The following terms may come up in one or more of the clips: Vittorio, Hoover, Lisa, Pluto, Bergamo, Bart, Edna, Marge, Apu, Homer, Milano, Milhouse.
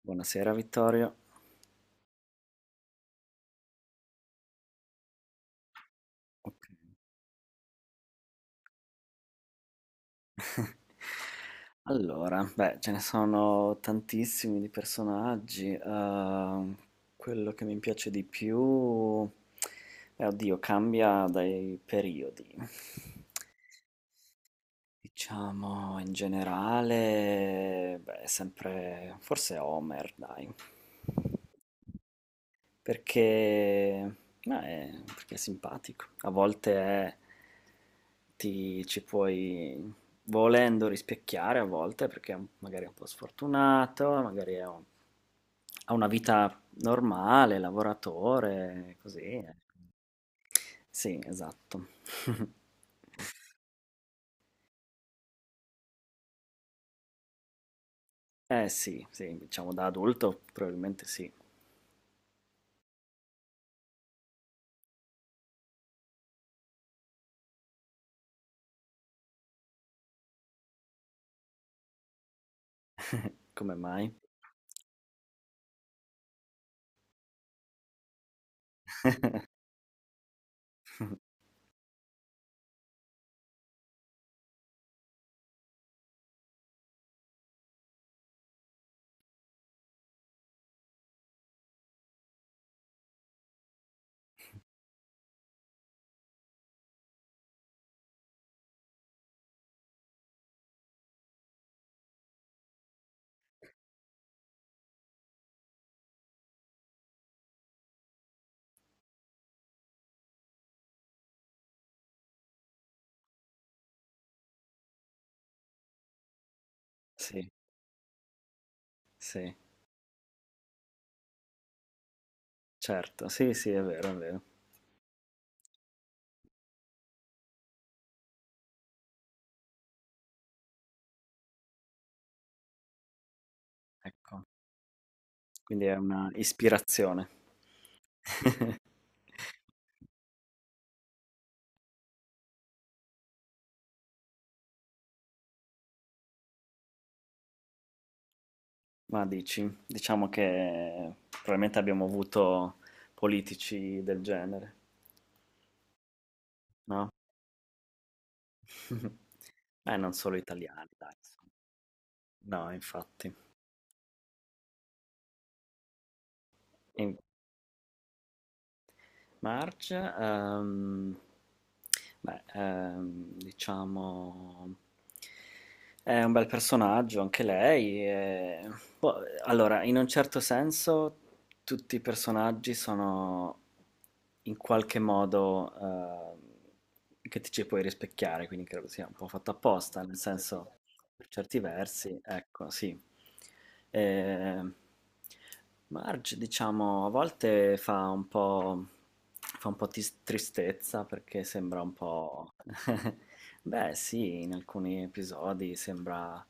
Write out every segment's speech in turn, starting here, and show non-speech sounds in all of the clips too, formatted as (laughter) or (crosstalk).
Buonasera Vittorio. Ok. (laughs) Allora, beh, ce ne sono tantissimi di personaggi. Quello che mi piace di più, oddio, cambia dai periodi. Diciamo, in generale, beh, è sempre, forse Homer, dai. Perché, ma è, perché è simpatico. A volte è- ci puoi volendo rispecchiare, a volte perché è magari è un po' sfortunato, magari è ha una vita normale, lavoratore, così. Sì, esatto. (laughs) Eh sì, sì, diciamo da adulto probabilmente sì. Come mai? Sì, sì, certo. Sì, sì, è vero, è vero. Ecco. Quindi è una ispirazione. (laughs) Ma dici, diciamo che probabilmente abbiamo avuto politici del genere, no? (laughs) Non solo italiani, dai. Insomma. No, infatti. E March, beh, diciamo, è un bel personaggio anche lei. Boh, allora, in un certo senso, tutti i personaggi sono in qualche modo che ti ci puoi rispecchiare, quindi credo sia un po' fatto apposta, nel senso, per certi versi, ecco, sì. Eh, Marge, diciamo, a volte fa un po', tristezza perché sembra un po'. (laughs) Beh, sì, in alcuni episodi sembra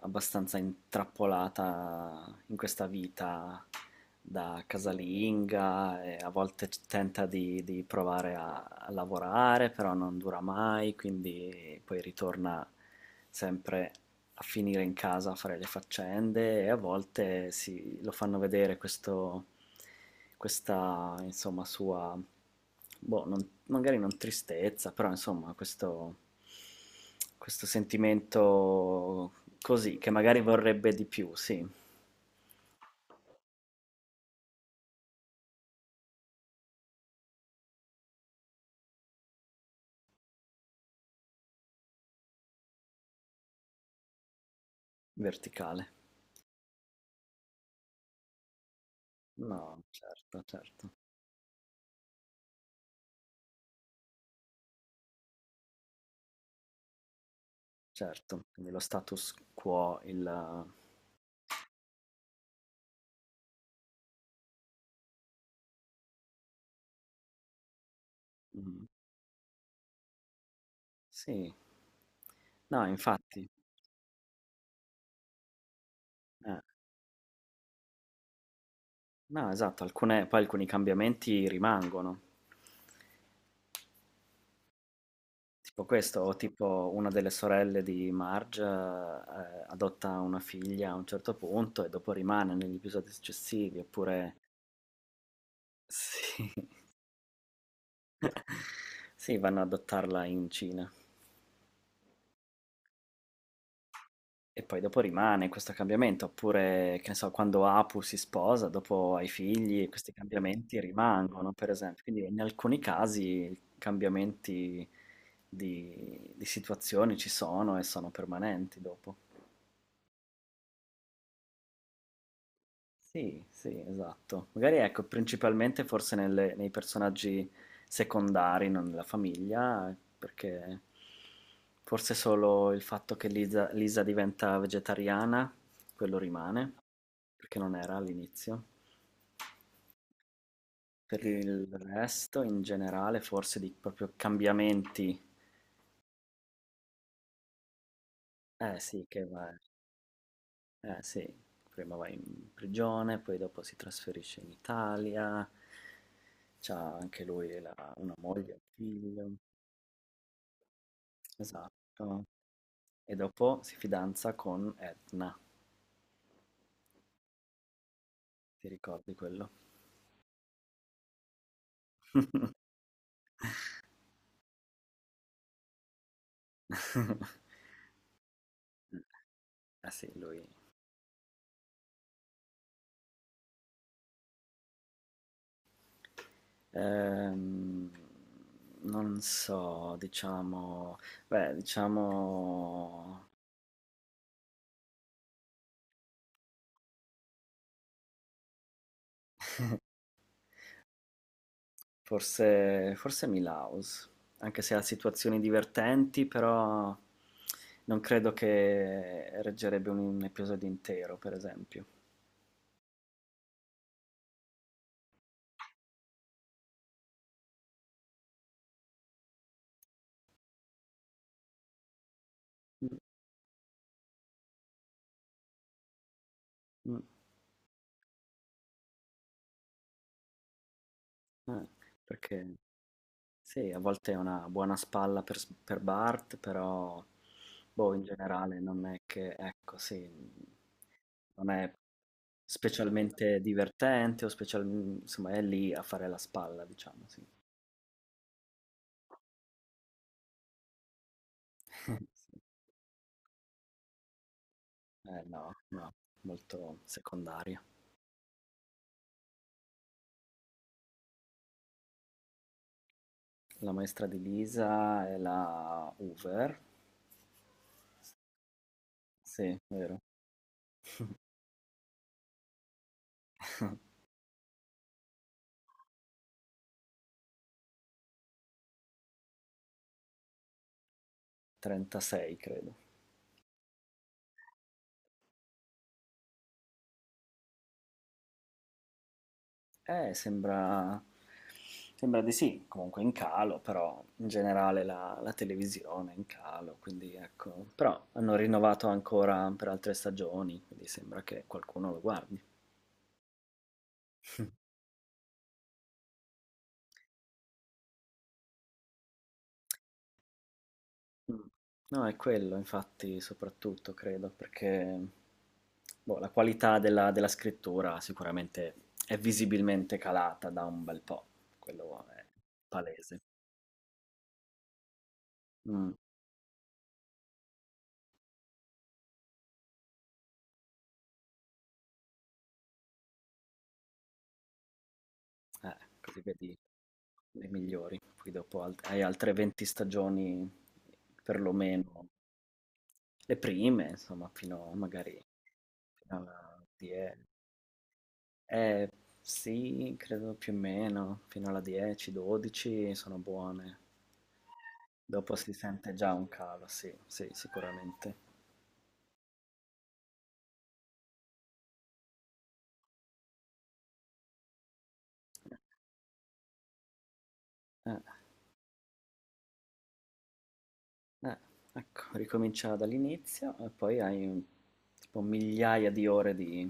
abbastanza intrappolata in questa vita da casalinga e a volte tenta di provare a lavorare, però non dura mai, quindi poi ritorna sempre a finire in casa a fare le faccende e a volte lo fanno vedere questo, questa, insomma, sua, boh, magari non tristezza, però insomma, questo sentimento così, che magari vorrebbe di più, sì, verticale. No, certo, certo, certo. Quindi lo status quo, il. Mm, sì, no, infatti. eh. No, esatto, alcune poi alcuni cambiamenti rimangono. Tipo questo, o tipo una delle sorelle di Marge, adotta una figlia a un certo punto e dopo rimane negli episodi successivi, oppure sì, (laughs) sì, vanno ad adottarla in Cina. E poi dopo rimane questo cambiamento, oppure, che ne so, quando Apu si sposa, dopo ha i figli, questi cambiamenti rimangono, per esempio. Quindi in alcuni casi cambiamenti di situazioni ci sono e sono permanenti dopo. Sì, sì, esatto. Magari ecco, principalmente forse nei personaggi secondari, non nella famiglia, perché forse solo il fatto che Lisa diventa vegetariana, quello rimane. Perché non era all'inizio. Per il resto, in generale, forse di proprio cambiamenti. Eh sì, che va. Eh sì, prima va in prigione, poi dopo si trasferisce in Italia. C'ha anche lui una moglie, un figlio. Esatto. E dopo si fidanza con Edna. Ti ricordi quello? (laughs) Ah sì, lui. Ehm, non so, diciamo, beh, diciamo, forse Milhouse, anche se ha situazioni divertenti, però non credo che reggerebbe un episodio intero, per esempio. Mh, mh, eh, perché sì, a volte è una buona spalla per Bart, però boh, in generale non è che ecco, sì, non è specialmente divertente o insomma è lì a fare la spalla, diciamo, sì. (laughs) Sì. Eh no, no, molto secondaria. La maestra di Lisa è la Hoover. Sì, vero. (laughs) 36, credo. Eh, sembra... Sembra di sì, comunque in calo, però in generale la, televisione è in calo, quindi ecco. Però hanno rinnovato ancora per altre stagioni, quindi sembra che qualcuno lo guardi. Mh. No, è quello infatti soprattutto credo, perché boh, la qualità della scrittura sicuramente è visibilmente calata da un bel po', quello è palese. Mh, così vedi le migliori, poi dopo alt hai altre 20 stagioni perlomeno, le prime insomma fino magari fino alla die Eh, sì, credo più o meno, fino alla 10-12 sono buone. Dopo si sente già un calo, sì, sì, sicuramente. Eh, eh, ecco, ricomincia dall'inizio e poi hai tipo migliaia di ore di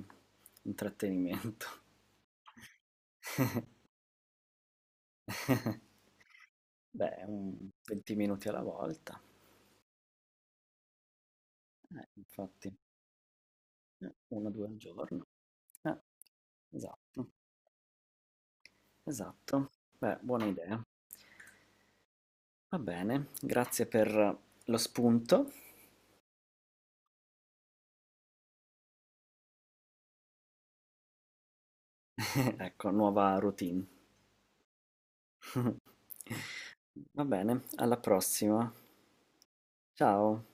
intrattenimento. (laughs) Beh, un 20 minuti alla volta, infatti, uno o due al giorno. Eh, esatto, esatto. Beh, buona idea. Va bene, grazie per lo spunto. (laughs) Ecco, nuova routine. Va bene, alla prossima. Ciao.